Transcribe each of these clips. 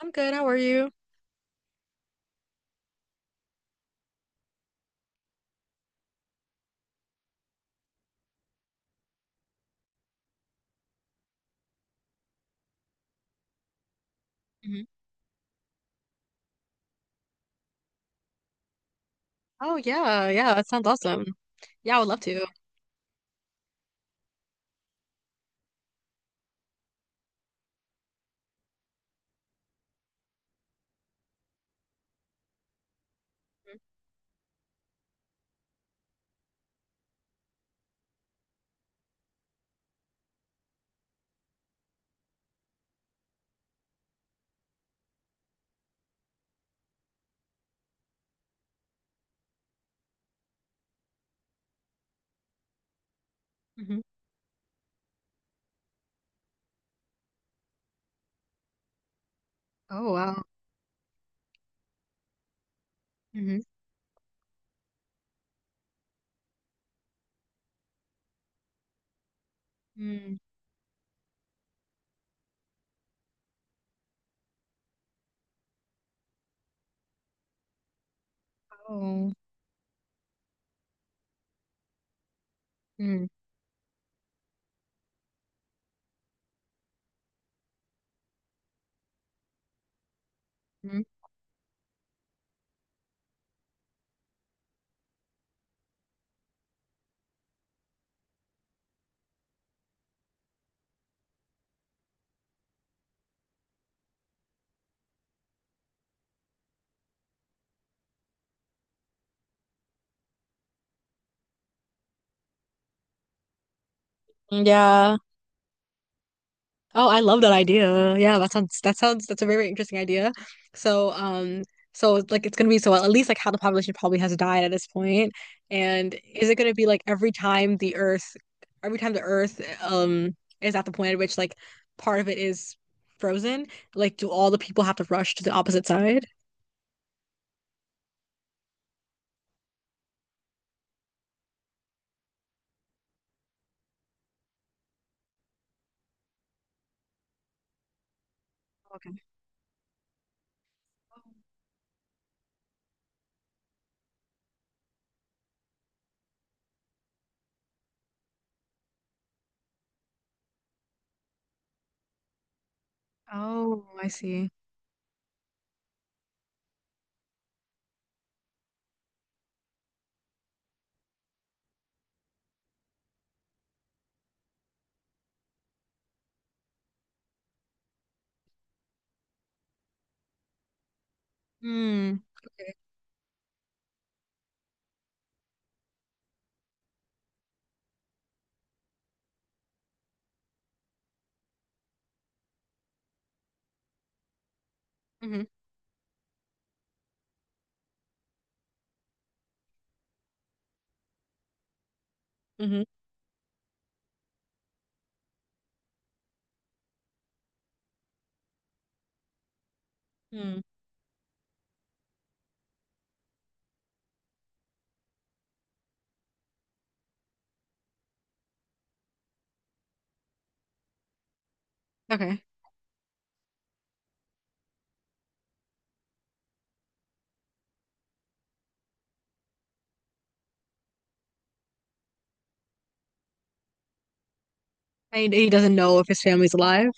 I'm good. How are you? Hmm. Oh yeah, yeah. That sounds awesome. Yeah, I would love to. Hmm. Oh wow. Hmm. Mm. Oh. Mm. Mm. Yeah. Oh, I love that idea. Yeah, that sounds that's a very, very interesting idea. So, um, so it's like it's gonna be, so at least like how the population probably has died at this point, and is it gonna be like every time the Earth, is at the point at which like part of it is frozen? Like, do all the people have to rush to the opposite side? Okay. Oh, I see. Hmm. Hmm. Hmm. Mm. Okay. And he doesn't know if his family's alive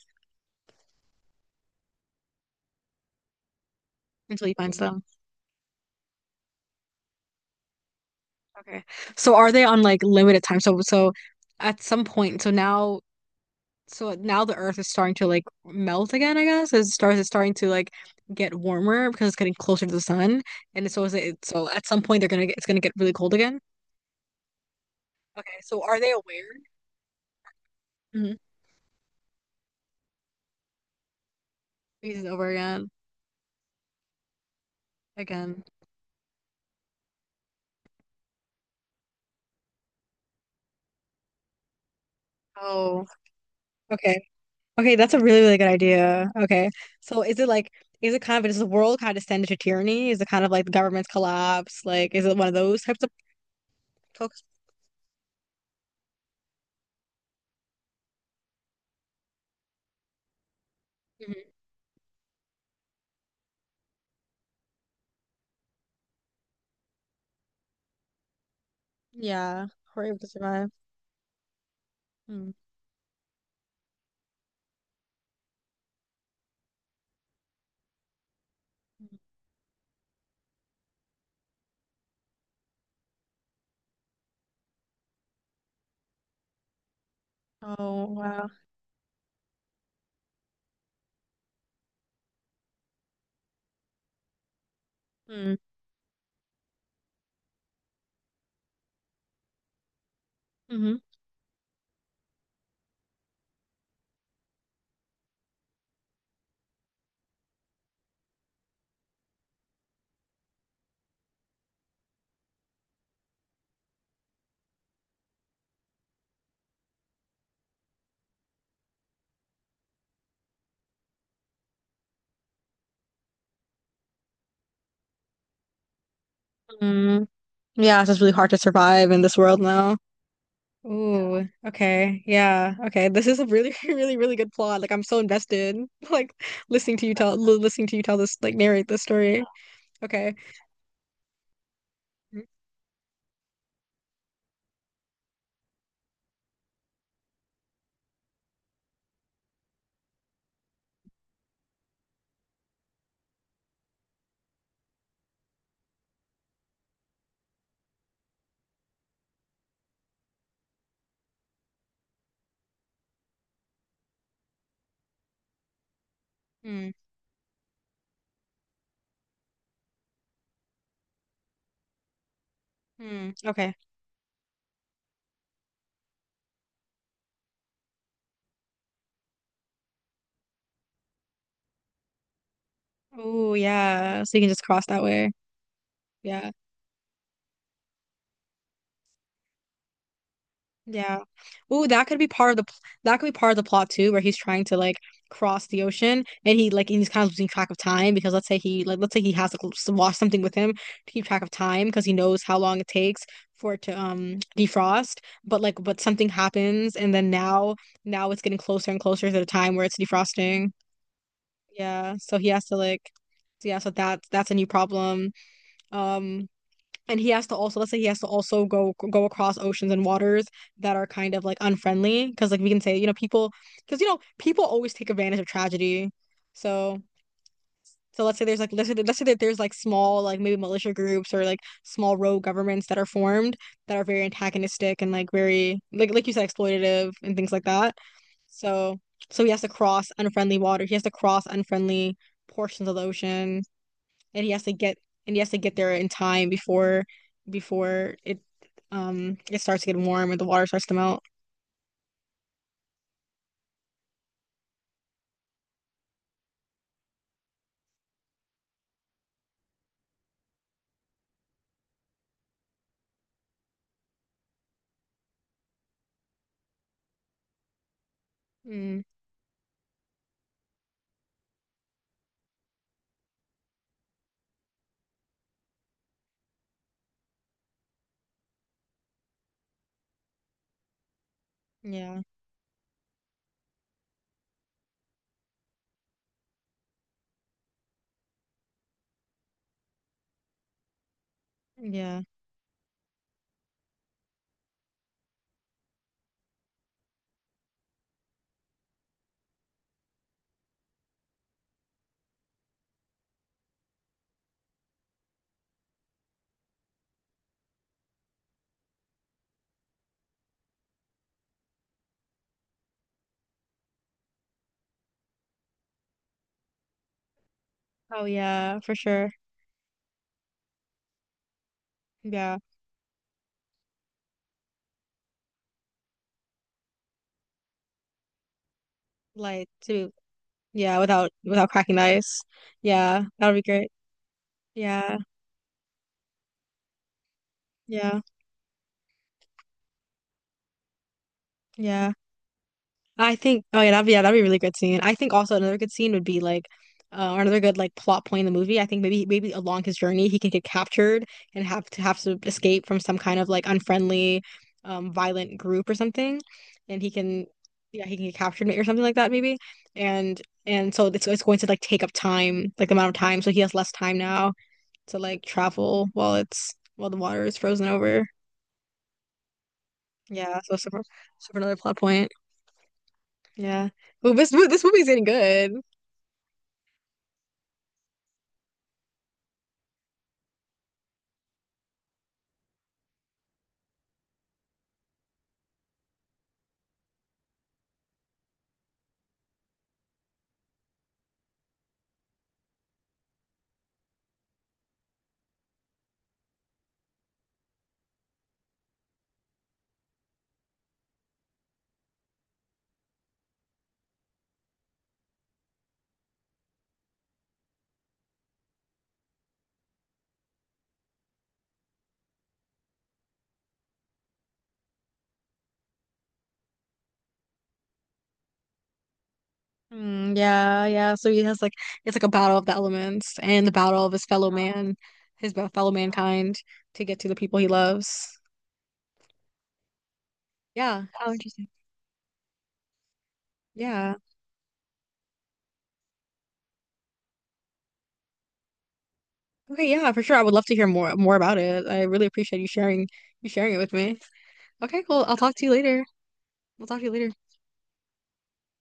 until he finds them. Okay. So are they on like limited time? So at some point, so now the Earth is starting to like melt again, I guess. As it starts. It's starting to like get warmer because it's getting closer to the sun, and so is it. So at some point they're gonna get, it's gonna get really cold again. Okay, so are they aware? Mm-hmm. It's over again, again. Oh, okay, okay. That's a really, really good idea. Okay, so is it like, is it kind of, does the world kind of descend into tyranny? Is it kind of like the government's collapse? Like is it one of those types of folks? Hmm. Yeah, we're able to survive. Mm. Oh wow. Mm-hmm. Mm, yeah, it's just really hard to survive in this world now. Ooh, okay. Yeah. Okay. This is a really, really, really good plot. Like I'm so invested. Like listening to you tell this, like narrate this story. Okay. Mm-hmm. Okay. Oh, yeah. So you can just cross that way. Yeah. Yeah. Ooh, that could be part of the plot too, where he's trying to like cross the ocean, and he like and he's kind of losing track of time, because let's say he like let's say he has like lost something with him to keep track of time, because he knows how long it takes for it to defrost, but something happens and then now it's getting closer and closer to the time where it's defrosting. Yeah, so he has to like, so that's a new problem. Um and he has to also, let's say he has to also go across oceans and waters that are kind of like unfriendly, because we can say, you know, people because you know, people always take advantage of tragedy, so, so let's say there's like, let's say that there's like small, like maybe militia groups or like small rogue governments that are formed, that are very antagonistic and like very like you said, exploitative and things like that. So so he has to cross unfriendly water, he has to cross unfriendly portions of the ocean, and he has to get there in time before, before it it starts to get warm and the water starts to melt. Mm, yeah. Yeah. Oh yeah, for sure. Yeah. Like to, yeah, without, without cracking the ice. Yeah, that would be great. Yeah. Yeah. Yeah. I think, oh yeah, that'd be a really good scene. I think also another good scene would be like, or another good like plot point in the movie. I think maybe along his journey he can get captured and have to escape from some kind of like unfriendly, violent group or something, and he can, yeah, he can get captured or something like that maybe, and so it's going to like take up time, like the amount of time, so he has less time now to like travel while it's, while the water is frozen over. Yeah, so super, super another plot point. Yeah. Well, this movie's getting good. Mm, yeah, yeah. So he has like, it's like a battle of the elements and the battle of his fellow man, fellow mankind, to get to the people he loves. Yeah, how interesting. Yeah. Okay, yeah, for sure. I would love to hear more about it. I really appreciate you sharing it with me. Okay, cool. I'll talk to you later. I'll talk to you later.